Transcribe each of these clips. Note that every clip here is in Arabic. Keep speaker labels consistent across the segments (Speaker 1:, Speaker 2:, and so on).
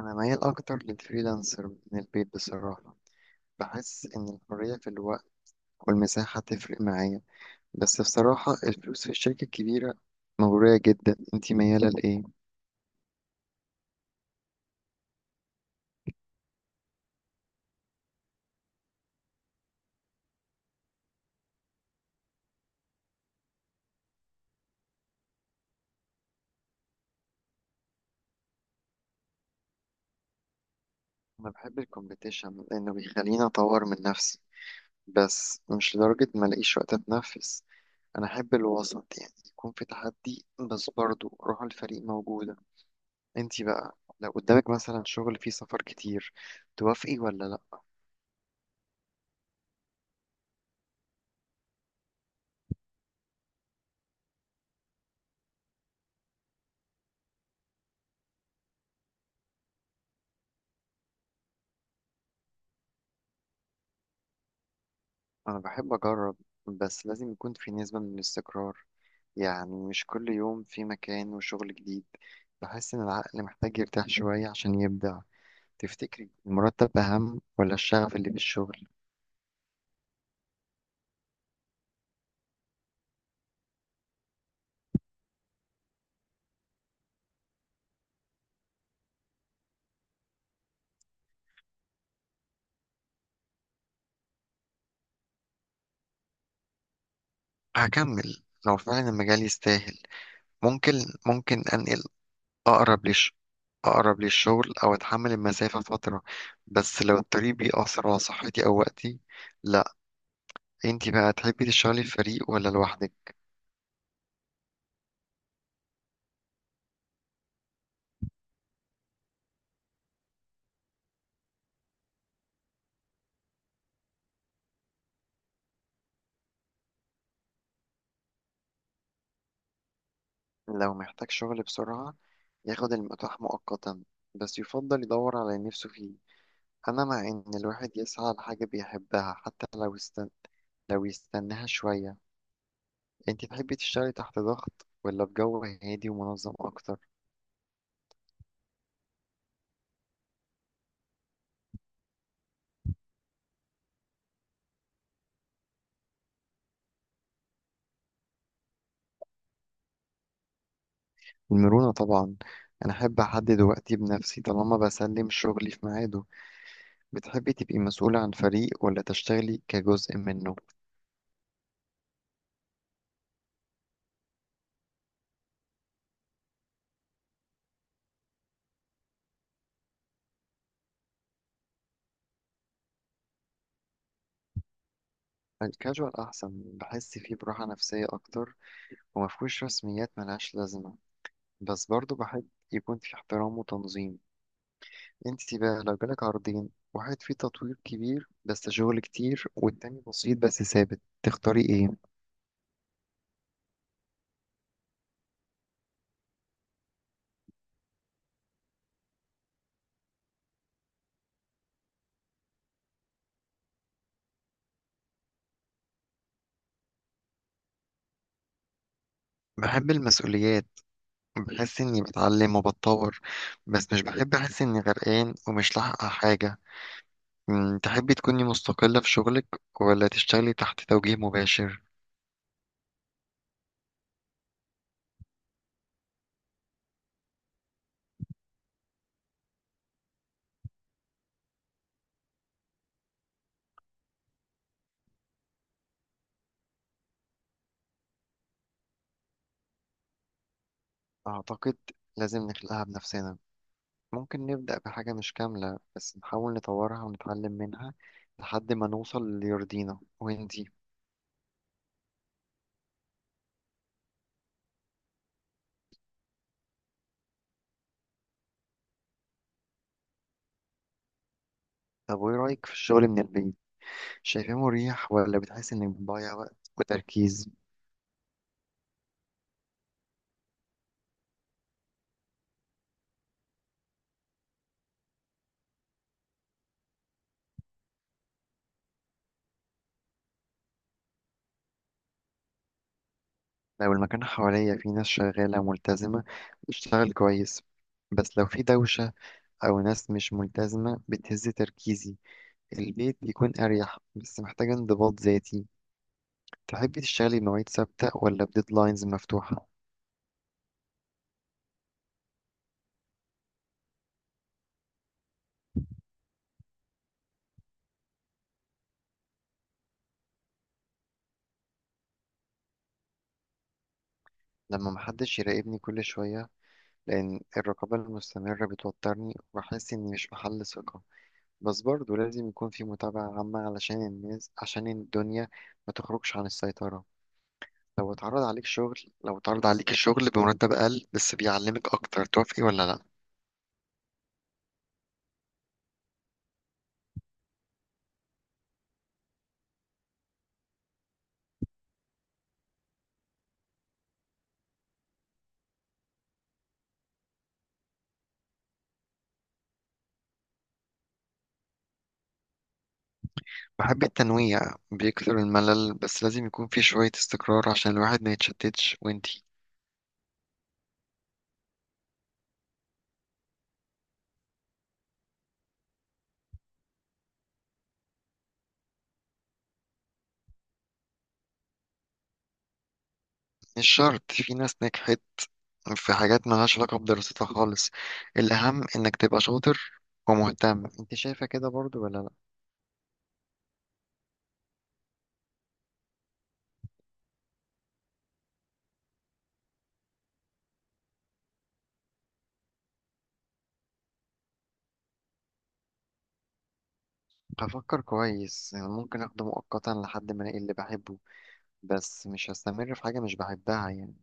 Speaker 1: أنا ميال أكتر للفريلانسر من البيت بصراحة. بحس إن الحرية في الوقت والمساحة تفرق معايا، بس بصراحة الفلوس في الشركة الكبيرة مغرية جدا. انتي ميالة لإيه؟ أنا بحب الكومبيتيشن لأنه بيخليني أطور من نفسي، بس مش لدرجة ما ألاقيش وقت أتنفس. أنا أحب الوسط، يعني يكون في تحدي بس برضه روح الفريق موجودة. انتي بقى لو قدامك مثلا شغل فيه سفر كتير، توافقي ولا لأ؟ أنا بحب أجرب، بس لازم يكون في نسبة من الاستقرار، يعني مش كل يوم في مكان وشغل جديد. بحس إن العقل محتاج يرتاح شوية عشان يبدع. تفتكري المرتب أهم ولا الشغف اللي في الشغل؟ هكمل لو فعلا المجال يستاهل. ممكن ممكن أنقل أقرب ليش، أقرب للشغل أو أتحمل المسافة فترة، بس لو الطريق بيأثر على صحتي أو وقتي، لأ. أنتي بقى تحبي تشتغلي في فريق ولا لوحدك؟ لو محتاج شغل بسرعة، ياخد المتاح مؤقتا بس يفضل يدور على اللي نفسه فيه. أنا مع إن الواحد يسعى لحاجة بيحبها حتى لو يستناها شوية. أنت تحبي تشتغلي تحت ضغط ولا بجو هادي ومنظم أكتر؟ المرونة طبعا، أنا أحب أحدد وقتي بنفسي طالما بسلم شغلي في ميعاده. بتحبي تبقي مسؤولة عن فريق ولا تشتغلي كجزء منه؟ الكاجوال أحسن، بحس فيه براحة نفسية أكتر ومفهوش رسميات ملهاش لازمة، بس برضو بحب يكون في احترام وتنظيم. انت بقى لو جالك عرضين، واحد فيه تطوير كبير بس شغل كتير والتاني بسيط بس ثابت، تختاري ايه؟ بحب المسؤوليات، بحس اني بتعلم وبتطور، بس مش بحب احس اني غرقان ومش لاحقة على حاجة. تحبي تكوني مستقلة في شغلك ولا تشتغلي تحت توجيه مباشر؟ اعتقد لازم نخلقها بنفسنا. ممكن نبدأ بحاجة مش كاملة بس نحاول نطورها ونتعلم منها لحد ما نوصل اللي يرضينا. وانتي؟ طب وايه رأيك في الشغل من البيت؟ شايفاه مريح ولا بتحس انك بتضيع وقت وتركيز؟ لو المكان حواليا فيه ناس شغالة ملتزمة بتشتغل كويس، بس لو في دوشة أو ناس مش ملتزمة بتهز تركيزي. البيت بيكون أريح بس محتاج انضباط ذاتي. تحبي تشتغلي بمواعيد ثابتة ولا بديدلاينز مفتوحة؟ لما محدش يراقبني كل شوية، لأن الرقابة المستمرة بتوترني وبحس إني مش بحل ثقة، بس برضه لازم يكون في متابعة عامة علشان الناس، عشان الدنيا ما تخرجش عن السيطرة. لو اتعرض عليك شغل لو اتعرض عليك الشغل بمرتب أقل بس بيعلمك أكتر، توافقي ولا لأ؟ بحب التنويع، بيكثر الملل، بس لازم يكون في شوية استقرار عشان الواحد ما يتشتتش. وانتي؟ مش شرط، في ناس نجحت في حاجات ملهاش علاقة بدراستها خالص. الأهم إنك تبقى شاطر ومهتم. انت شايفة كده برضو ولا لأ؟ هفكر كويس، يعني ممكن اخده مؤقتا لحد ما الاقي اللي بحبه، بس مش هستمر في حاجة مش بحبها يعني.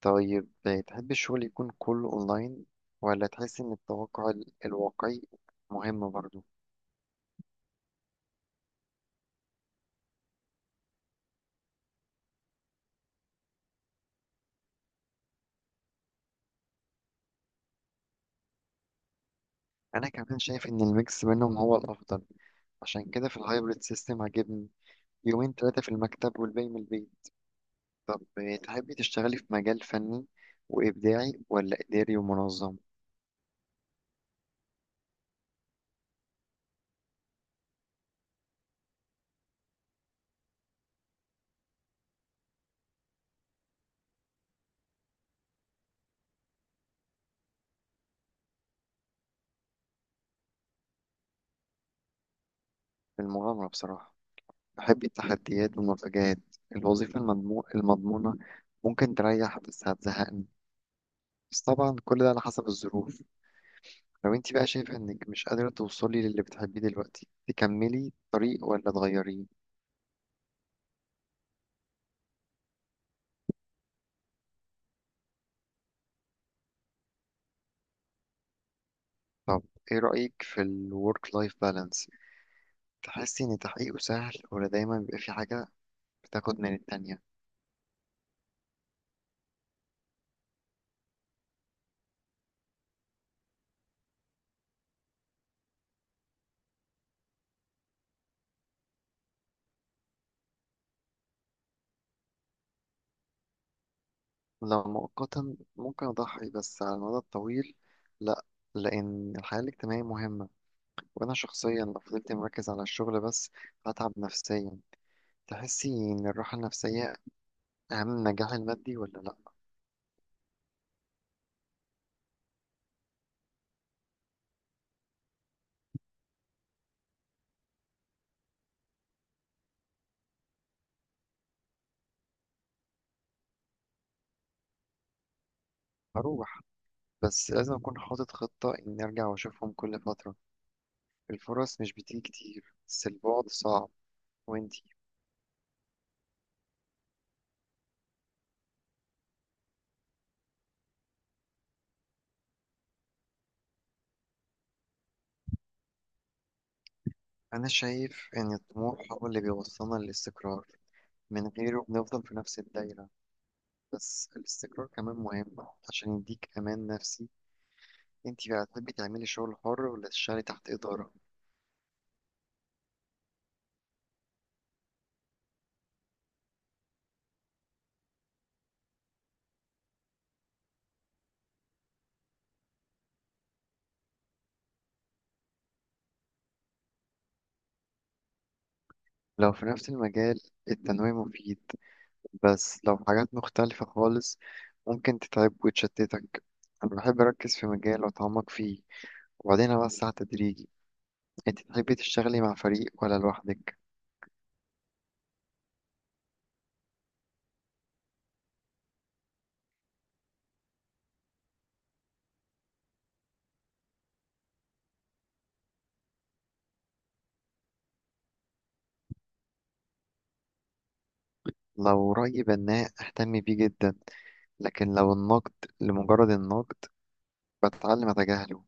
Speaker 1: طيب، تحب الشغل يكون كله اونلاين ولا تحس ان التوقع الواقعي مهم برضو؟ انا كمان شايف ان الميكس بينهم هو الافضل، عشان كده في الهايبريد سيستم عاجبني، يومين ثلاثة في المكتب والباقي من البيت. طب تحبي تشتغلي في مجال فني وابداعي ولا اداري ومنظم؟ في المغامرة بصراحة، بحب التحديات والمفاجآت. الوظيفة المضمونة ممكن تريح بس هتزهقني، بس طبعا كل ده على حسب الظروف. لو انت بقى شايفة انك مش قادرة توصلي للي بتحبيه دلوقتي، تكملي الطريق ولا تغيريه؟ طب ايه رأيك في الورك لايف بالانس؟ تحسي ان تحقيقه سهل ولا دايما بيبقى في حاجة بتاخد من التانية؟ لو مؤقتا ممكن اضحي، بس على المدى الطويل لا، لان الحياة الاجتماعية مهمة، وأنا شخصيا لو فضلت مركز على الشغل بس هتعب نفسيا. تحسي إن الراحة النفسية أهم من النجاح المادي ولا لأ؟ هروح، بس لازم أكون حاطط خطة إني أرجع وأشوفهم كل فترة. الفرص مش بتيجي كتير بس البعد صعب. وإنتي؟ أنا شايف إن الطموح هو اللي بيوصلنا للاستقرار، من غيره بنفضل في نفس الدايرة، بس الاستقرار كمان مهم عشان يديك أمان نفسي. إنتي بقى تحبي تعملي شغل حر ولا تشتغلي تحت إدارة؟ لو في نفس المجال التنويع مفيد، بس لو حاجات مختلفة خالص ممكن تتعب وتشتتك. أنا بحب أركز في مجال وأتعمق فيه وبعدين أوسع تدريجي. أنت تحبي تشتغلي مع فريق ولا لوحدك؟ لو رأي بناء أهتم بيه جدا، لكن لو النقد لمجرد النقد بتعلم أتجاهله.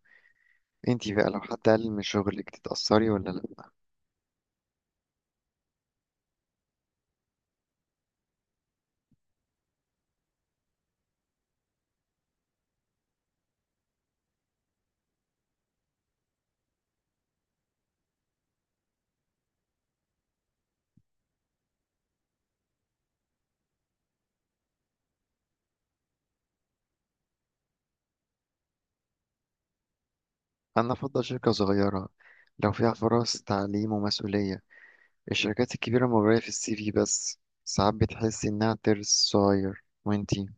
Speaker 1: أنت بقى لو حد قلل من شغلك تتأثري ولا لأ؟ أنا أفضل شركة صغيرة لو فيها فرص تعليم ومسؤولية. الشركات الكبيرة مغرية في الـ CV بس ساعات بتحسي إنها ترس صغير. وأنتي؟